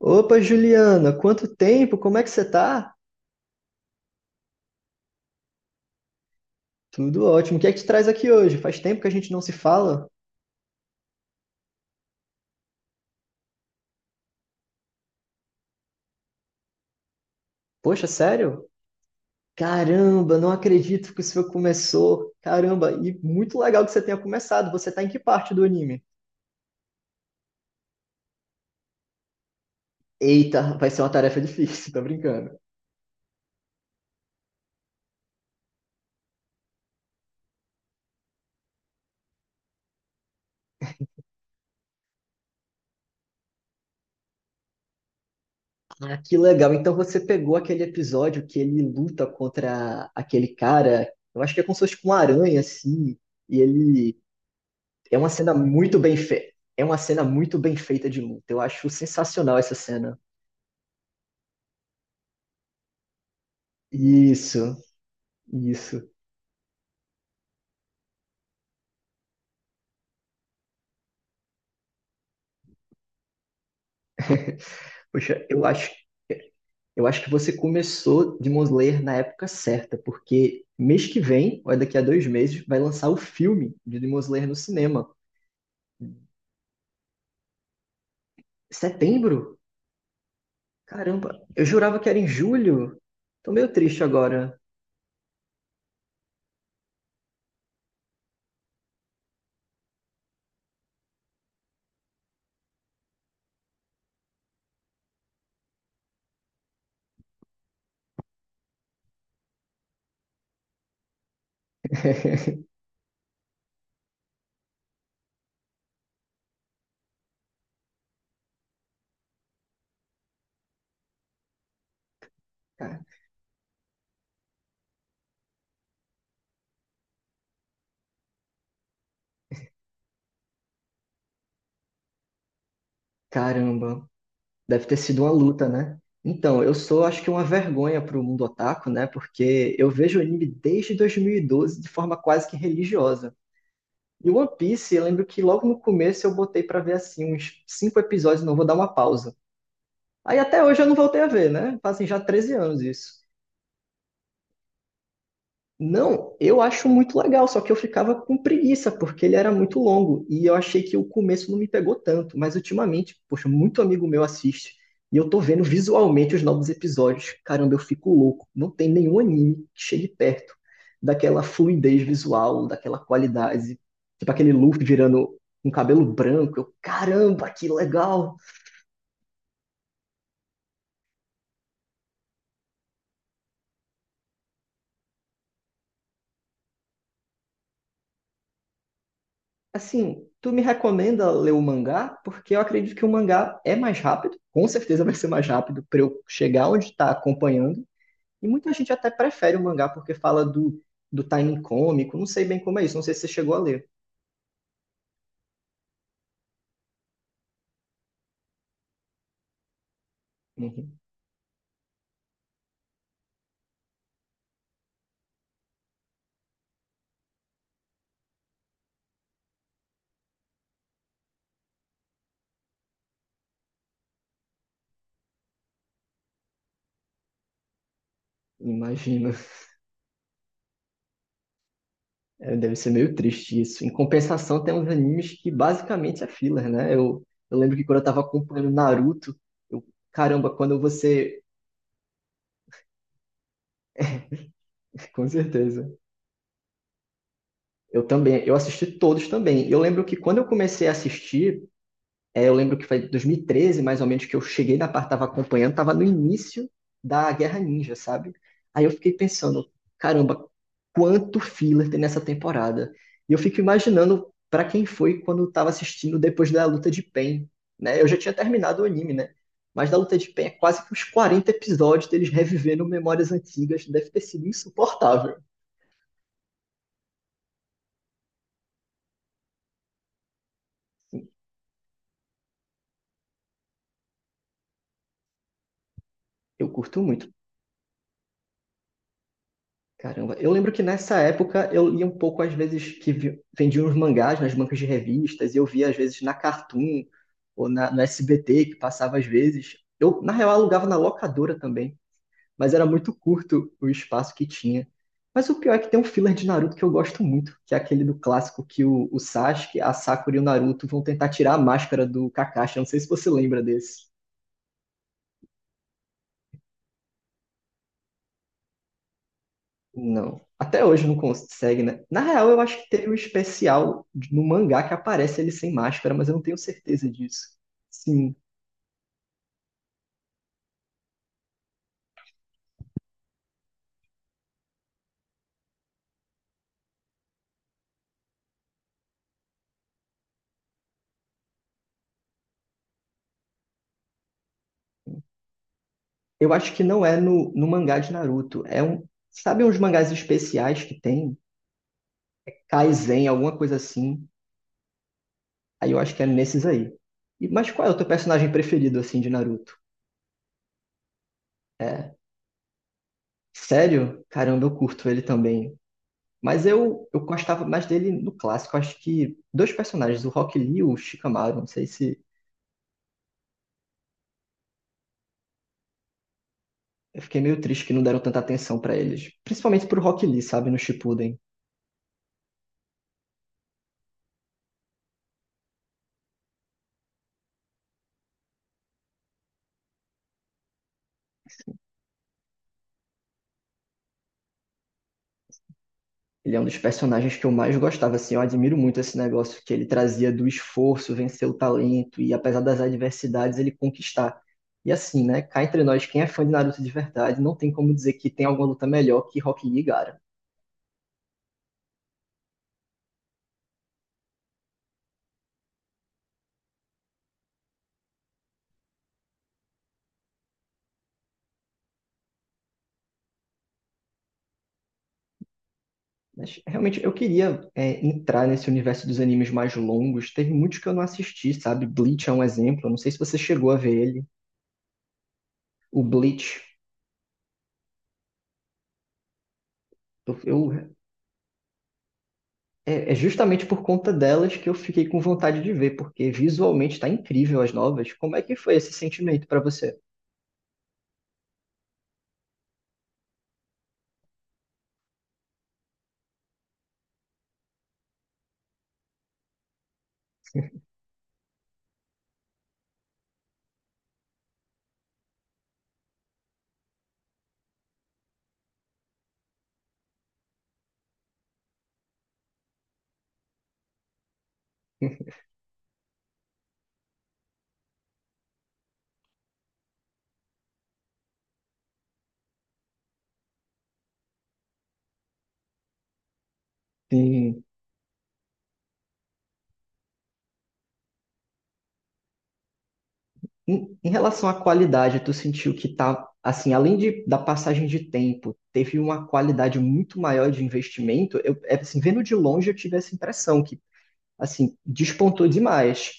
Opa, Juliana, quanto tempo? Como é que você tá? Tudo ótimo. O que é que te traz aqui hoje? Faz tempo que a gente não se fala. Poxa, sério? Caramba, não acredito que isso começou. Caramba, e muito legal que você tenha começado. Você tá em que parte do anime? Eita, vai ser uma tarefa difícil, tô brincando. Ah, que legal. Então você pegou aquele episódio que ele luta contra aquele cara, eu acho que é como se fosse com uma aranha, assim, e ele É uma cena muito bem feita. É uma cena muito bem feita de luta. Eu acho sensacional essa cena. Isso, isso. Poxa, eu acho que você começou Demon Slayer na época certa, porque mês que vem, ou é daqui a 2 meses, vai lançar o filme de Demon Slayer no cinema. Setembro? Caramba, eu jurava que era em julho. Tô meio triste agora. Ca- Caramba. Deve ter sido uma luta, né? Então, eu sou, acho que, uma vergonha para o mundo otaku, né? Porque eu vejo anime desde 2012 de forma quase que religiosa. E One Piece, eu lembro que logo no começo eu botei para ver, assim, uns cinco episódios, não vou dar uma pausa. Aí até hoje eu não voltei a ver, né? Fazem já 13 anos isso. Não, eu acho muito legal, só que eu ficava com preguiça, porque ele era muito longo, e eu achei que o começo não me pegou tanto, mas ultimamente, poxa, muito amigo meu assiste, e eu tô vendo visualmente os novos episódios. Caramba, eu fico louco. Não tem nenhum anime que chegue perto daquela fluidez visual, daquela qualidade, tipo aquele Luffy virando um cabelo branco. Eu, caramba, que legal! Assim, tu me recomenda ler o mangá? Porque eu acredito que o mangá é mais rápido, com certeza vai ser mais rápido para eu chegar onde está acompanhando. E muita gente até prefere o mangá porque fala do timing cômico, não sei bem como é isso, não sei se você chegou a ler. Uhum. Imagino. É, deve ser meio triste isso. Em compensação, tem uns animes que basicamente é filler, né? Eu lembro que quando eu estava acompanhando Naruto, eu, caramba, quando você. Com certeza. Eu também, eu assisti todos também. Eu lembro que quando eu comecei a assistir, é, eu lembro que foi 2013, mais ou menos, que eu cheguei na parte, tava acompanhando, tava no início da Guerra Ninja, sabe? Aí eu fiquei pensando, caramba, quanto filler tem nessa temporada? E eu fico imaginando pra quem foi quando eu tava assistindo depois da luta de Pain, né? Eu já tinha terminado o anime, né? Mas da luta de Pain é quase que uns 40 episódios deles revivendo memórias antigas, deve ter sido insuportável. Eu curto muito. Caramba, eu lembro que nessa época eu lia um pouco, às vezes, que vendiam uns mangás nas bancas de revistas, e eu via, às vezes, na Cartoon ou no SBT, que passava às vezes. Eu, na real, alugava na locadora também, mas era muito curto o espaço que tinha. Mas o pior é que tem um filler de Naruto que eu gosto muito, que é aquele do clássico que o Sasuke, a Sakura e o Naruto vão tentar tirar a máscara do Kakashi. Eu não sei se você lembra desse. Não. Até hoje não consegue, né? Na real, eu acho que teve um especial no mangá que aparece ele sem máscara, mas eu não tenho certeza disso. Sim. Eu acho que não é no mangá de Naruto. É um. Sabe uns mangás especiais que tem? Kaizen, alguma coisa assim. Aí eu acho que é nesses aí. E, mas qual é o teu personagem preferido, assim, de Naruto? É. Sério? Caramba, eu curto ele também. Mas eu gostava mais dele no clássico. Acho que dois personagens, o Rock Lee e o Shikamaru. Não sei se. Eu fiquei meio triste que não deram tanta atenção pra eles. Principalmente pro Rock Lee, sabe, no Shippuden. Ele é um dos personagens que eu mais gostava, assim, eu admiro muito esse negócio que ele trazia do esforço, vencer o talento e apesar das adversidades ele conquistar. E assim, né, cá entre nós, quem é fã de Naruto de verdade, não tem como dizer que tem alguma luta melhor que Rock Lee e Gaara. Mas realmente eu queria é, entrar nesse universo dos animes mais longos. Teve muitos que eu não assisti, sabe? Bleach é um exemplo, eu não sei se você chegou a ver ele. O Bleach, eu, eu É justamente por conta delas que eu fiquei com vontade de ver, porque visualmente está incrível as novas. Como é que foi esse sentimento para você? Em, em relação à qualidade, tu sentiu que tá, assim, além da passagem de tempo, teve uma qualidade muito maior de investimento? Eu, é, assim, vendo de longe, eu tive essa impressão que, assim, despontou demais.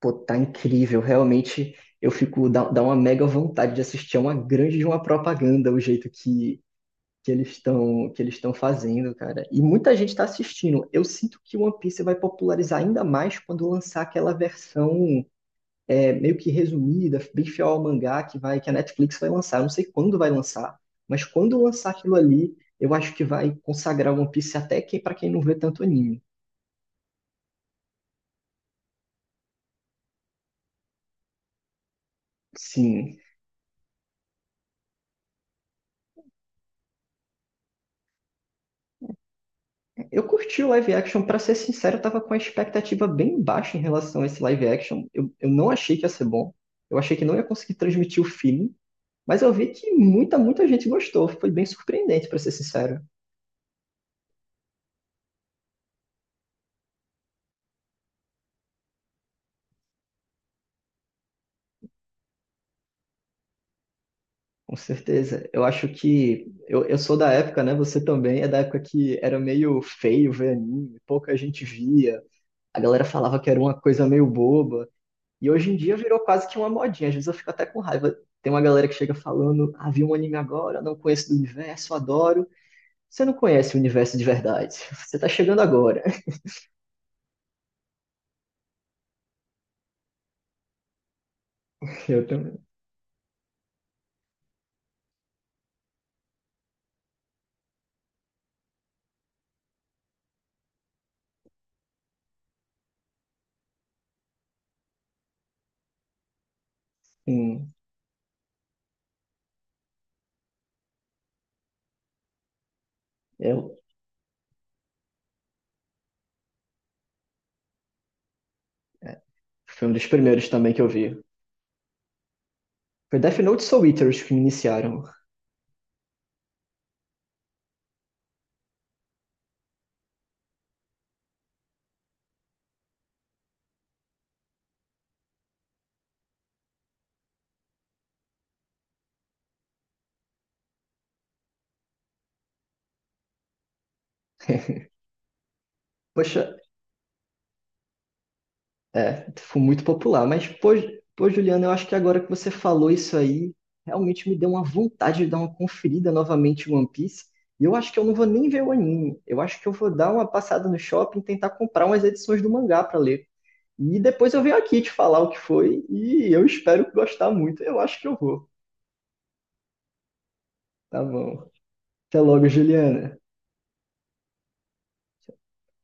Pô, tá incrível, realmente. Eu fico, dá uma mega vontade de assistir, é uma grande de uma propaganda, o jeito que eles estão fazendo, cara. E muita gente está assistindo. Eu sinto que One Piece vai popularizar ainda mais quando lançar aquela versão, é, meio que resumida, bem fiel ao mangá que a Netflix vai lançar. Eu não sei quando vai lançar, mas quando lançar aquilo ali, eu acho que vai consagrar One Piece até que para quem não vê tanto anime. Sim, eu curti o live action, pra ser sincero, eu tava com a expectativa bem baixa em relação a esse live action. Eu não achei que ia ser bom, eu achei que não ia conseguir transmitir o feeling. Mas eu vi que muita, muita gente gostou. Foi bem surpreendente, para ser sincero. Com certeza. Eu acho que. Eu sou da época, né? Você também é da época que era meio feio ver anime, pouca gente via. A galera falava que era uma coisa meio boba. E hoje em dia virou quase que uma modinha. Às vezes eu fico até com raiva. Tem uma galera que chega falando: Ah, vi um anime agora, não conheço do universo, adoro. Você não conhece o universo de verdade. Você tá chegando agora. Eu também. Sim. Eu, é, foi um dos primeiros também que eu vi. Foi Death Note e Soul Eater os que me iniciaram. Poxa, é, foi muito popular. Mas, pô, pô, Juliana, eu acho que agora que você falou isso aí, realmente me deu uma vontade de dar uma conferida novamente em One Piece. E eu acho que eu não vou nem ver o anime. Eu acho que eu vou dar uma passada no shopping, e tentar comprar umas edições do mangá para ler. E depois eu venho aqui te falar o que foi e eu espero gostar muito. Eu acho que eu vou. Tá bom. Até logo, Juliana.